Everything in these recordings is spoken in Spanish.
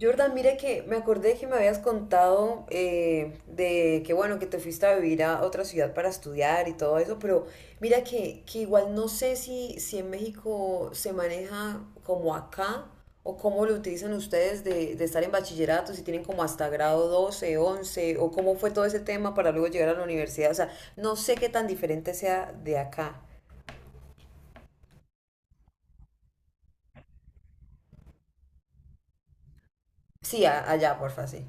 Jordan, mira que me acordé que me habías contado de que bueno, que te fuiste a vivir a otra ciudad para estudiar y todo eso, pero mira que igual no sé si en México se maneja como acá o cómo lo utilizan ustedes de estar en bachillerato, si tienen como hasta grado 12 11 o cómo fue todo ese tema para luego llegar a la universidad. O sea, no sé qué tan diferente sea de acá. Sí, allá, porfa, sí.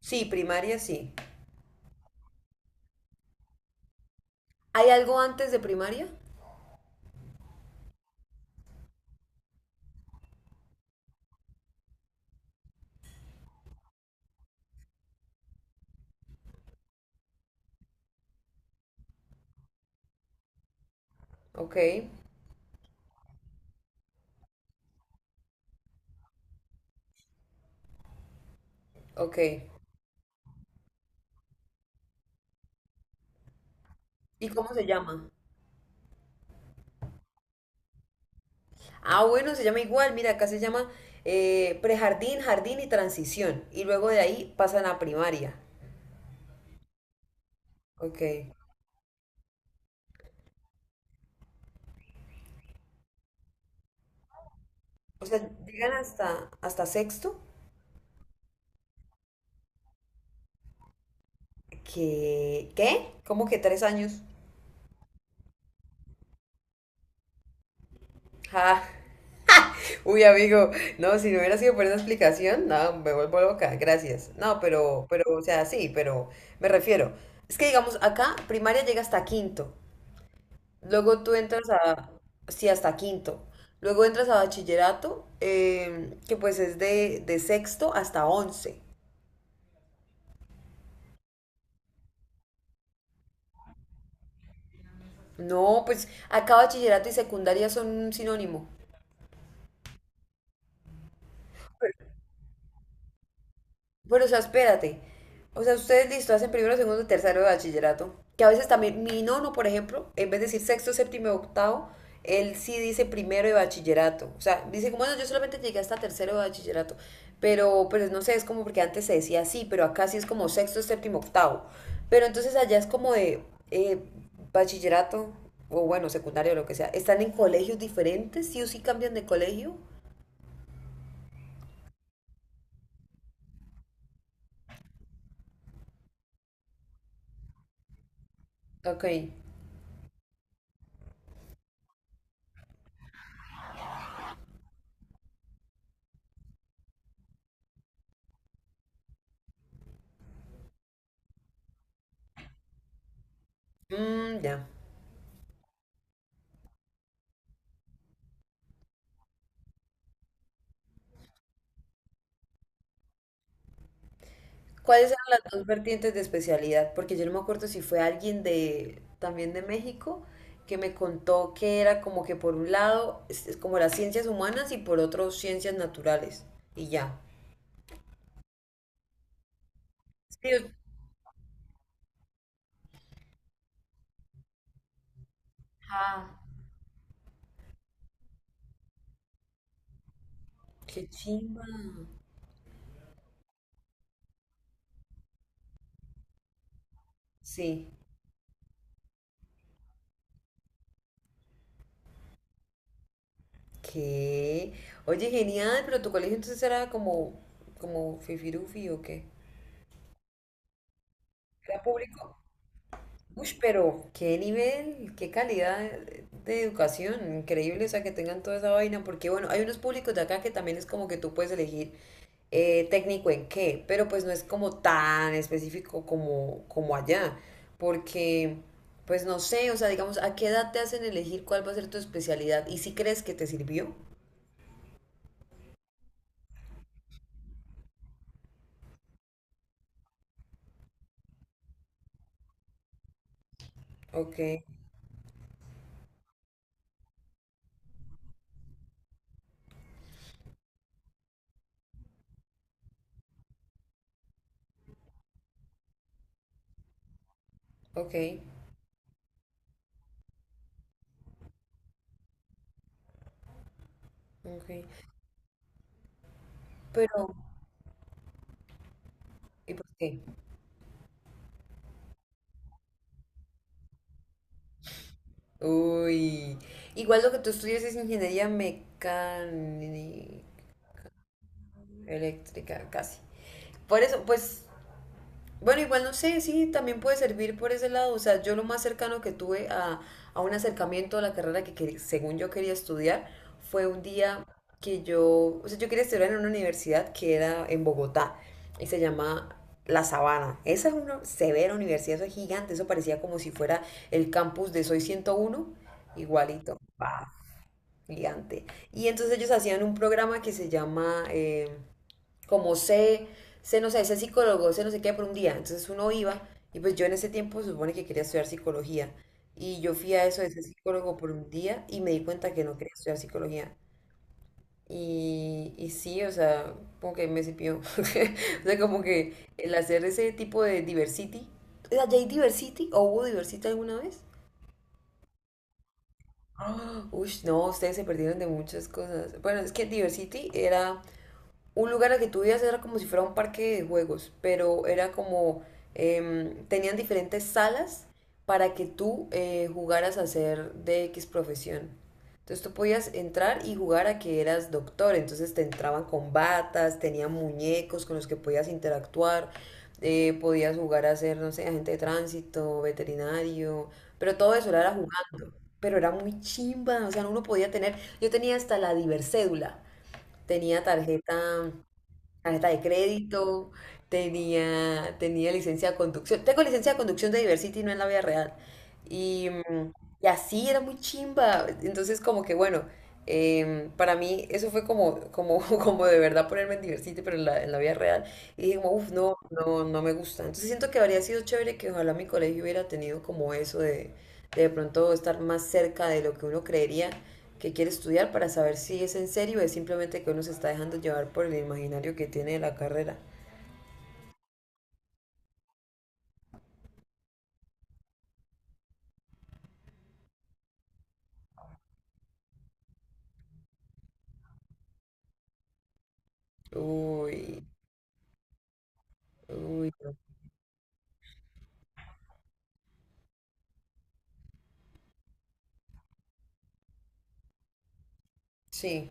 Sí, primaria, sí. ¿Hay algo antes de primaria? Ok, ok. ¿Y cómo se llama? Ah, bueno, se llama igual. Mira, acá se llama prejardín, jardín y transición. Y luego de ahí pasan a primaria. Ok. O sea, llegan hasta sexto. ¿Qué? ¿Qué? ¿Cómo que tres años? Ah, uy, amigo. No, si no hubiera sido por esa explicación, no, me vuelvo loca. Gracias. No, pero, o sea, sí, pero me refiero. Es que digamos, acá primaria llega hasta quinto. Luego tú entras a, sí, hasta quinto. Luego entras a bachillerato, que pues es de sexto hasta once. No, pues acá bachillerato y secundaria son un sinónimo. Bueno, o sea, espérate. O sea, ustedes listo, hacen primero, segundo, tercero de bachillerato. Que a veces también, mi nono, por ejemplo, en vez de decir sexto, séptimo y octavo, él sí dice primero de bachillerato. O sea, dice como, bueno, yo solamente llegué hasta tercero de bachillerato. Pero no sé, es como porque antes se decía así, pero acá sí es como sexto, séptimo, octavo. Pero entonces allá es como de eh, bachillerato, o bueno, secundario, lo que sea. ¿Están en colegios diferentes? ¿Sí o sí cambian de colegio? Ok. Mm, ya. ¿Cuáles eran las dos vertientes de especialidad? Porque yo no me acuerdo si fue alguien de también de México que me contó que era como que por un lado es como las ciencias humanas y por otro ciencias naturales y ya. Sí, ah, qué chimba. Sí, qué. Oye, genial, pero tu colegio entonces era como como fifirufi o qué? ¿Era público? Uy, pero qué nivel, qué calidad de educación, increíble, o sea, que tengan toda esa vaina, porque bueno, hay unos públicos de acá que también es como que tú puedes elegir técnico en qué, pero pues no es como tan específico como, como allá, porque pues no sé, o sea, digamos, ¿a qué edad te hacen elegir cuál va a ser tu especialidad? ¿Y si crees que te sirvió? Ok, ok, ok, pero ¿y por qué? Uy, igual lo que tú estudias es ingeniería mecánica. Eléctrica, casi. Por eso, pues, bueno, igual no sé, sí, también puede servir por ese lado. O sea, yo lo más cercano que tuve a un acercamiento a la carrera que, según yo quería estudiar fue un día que yo, o sea, yo quería estudiar en una universidad que era en Bogotá y se llama La Sabana. Esa es una severa universidad, eso es gigante, eso parecía como si fuera el campus de Soy 101 igualito, bah, gigante. Y entonces ellos hacían un programa que se llama... como sé, sé, no sé, sé psicólogo, sé no sé qué por un día. Entonces uno iba y pues yo en ese tiempo se supone que quería estudiar psicología y yo fui a eso de ser psicólogo por un día y me di cuenta que no quería estudiar psicología. Y sí, o sea, como que me cipió. O sea, como que el hacer ese tipo de diversity. O sea, ¿ya hay diversity o hubo diversity alguna vez? Ah, uy, no, ustedes se perdieron de muchas cosas. Bueno, es que diversity era un lugar al que tú ibas era como si fuera un parque de juegos, pero era como, tenían diferentes salas para que tú jugaras a ser de X profesión. Entonces tú podías entrar y jugar a que eras doctor, entonces te entraban con batas, tenían muñecos con los que podías interactuar, podías jugar a ser, no sé, agente de tránsito, veterinario, pero todo eso era jugando. Pero era muy chimba, o sea, uno podía tener, yo tenía hasta la diversédula, tenía tarjeta Tarjeta de crédito, tenía, tenía licencia de conducción. Tengo licencia de conducción de Diversity, no en la vida real. Y, y así era muy chimba. Entonces, como que bueno, para mí eso fue como, como, como de verdad ponerme en Diversity, pero en la vida real. Y dije como, uff, no, no, no me gusta. Entonces siento que habría sido chévere que ojalá mi colegio hubiera tenido como eso de pronto estar más cerca de lo que uno creería que quiere estudiar para saber si es en serio o es simplemente que uno se está dejando llevar por el imaginario que tiene de la carrera. Uy, uy, no. Sí,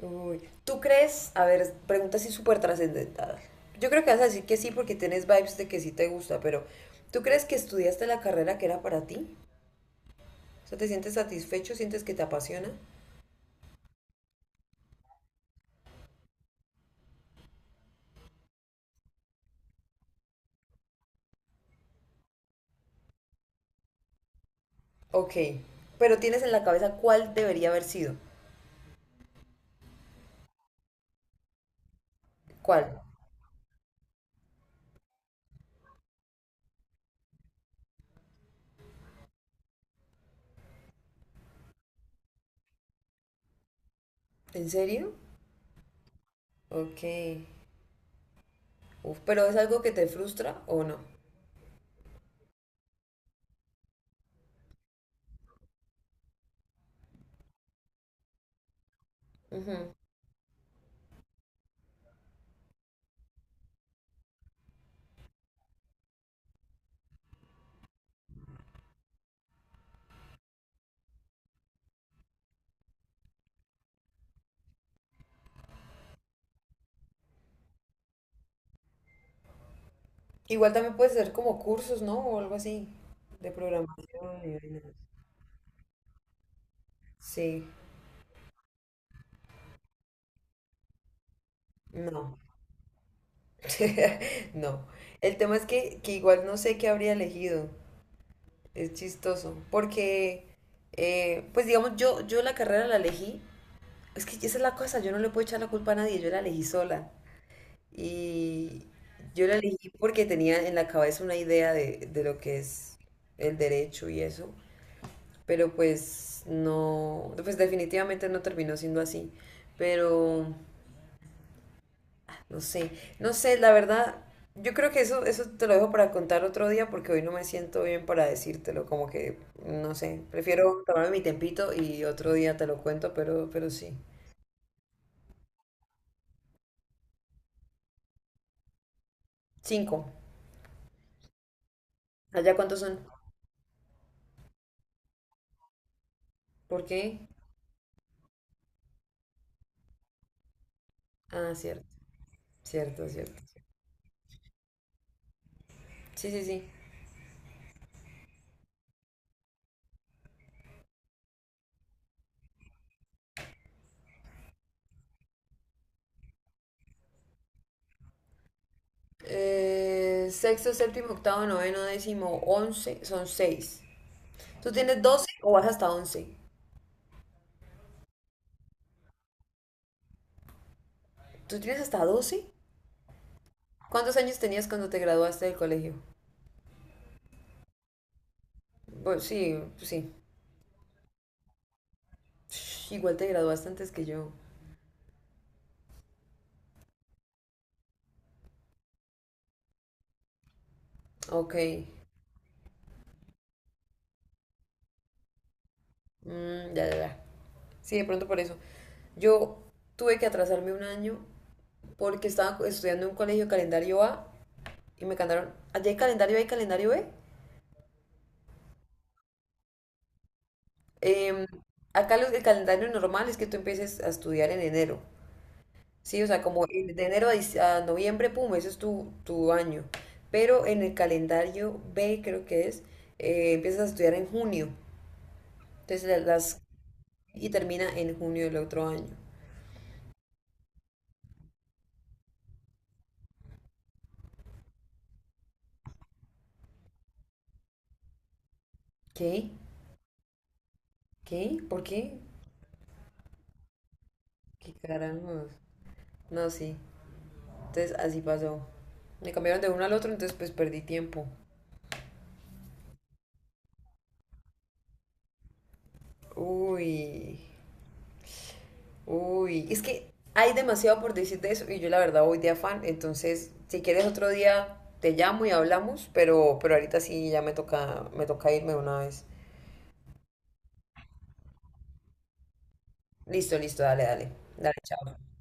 uy. ¿Tú crees? A ver, pregunta así súper trascendental. Yo creo que vas a decir que sí porque tienes vibes de que sí te gusta, pero ¿tú crees que estudiaste la carrera que era para ti? O sea, ¿te sientes satisfecho? ¿Sientes que te apasiona? Ok, pero tienes en la cabeza cuál debería haber sido. ¿Cuál? ¿En serio? Ok. Uf, pero es algo que te frustra o no. Ujú. Igual también puedes hacer como cursos, ¿no? O algo así de programación y vainas. Sí, no. No. El tema es que igual no sé qué habría elegido. Es chistoso. Porque, pues digamos, yo la carrera la elegí. Es que esa es la cosa, yo no le puedo echar la culpa a nadie, yo la elegí sola. Y yo la elegí porque tenía en la cabeza una idea de lo que es el derecho y eso. Pero pues no, pues definitivamente no terminó siendo así, pero no sé, no sé, la verdad, yo creo que eso te lo dejo para contar otro día porque hoy no me siento bien para decírtelo, como que, no sé, prefiero tomarme mi tempito y otro día te lo cuento, pero sí. Cinco. ¿Allá cuántos son? ¿Por qué? Ah, cierto, cierto, cierto. Sí, sí, sí. Sexto, séptimo, octavo, noveno, décimo, once, son seis. ¿Tú tienes doce o vas hasta once? ¿Tú tienes hasta 12. ¿Cuántos años tenías cuando te graduaste del colegio? Bueno, sí, sí. Shh, igual te graduaste antes que yo. Ok. Mm, ya, ya, ya. Sí, de pronto por eso. Yo tuve que atrasarme un año porque estaba estudiando en un colegio calendario A y me cantaron, allá hay calendario A y calendario B. Em, acá los el calendario normal es que tú empieces a estudiar en enero. Sí, o sea, como de enero a, a noviembre, pum, ese es tu, tu año. Pero en el calendario B, creo que es, empiezas a estudiar en junio. Entonces las y termina en junio del otro año. ¿Qué? ¿Qué? ¿Por qué? ¿Qué carajos? No, sí. Entonces así pasó. Me cambiaron de uno al otro, entonces pues perdí tiempo. Uy. Uy, es que hay demasiado por decir de eso y yo la verdad voy de afán, entonces si quieres otro día te llamo y hablamos, pero ahorita sí ya me toca irme de una vez. Listo, listo, dale, dale. Dale, chao.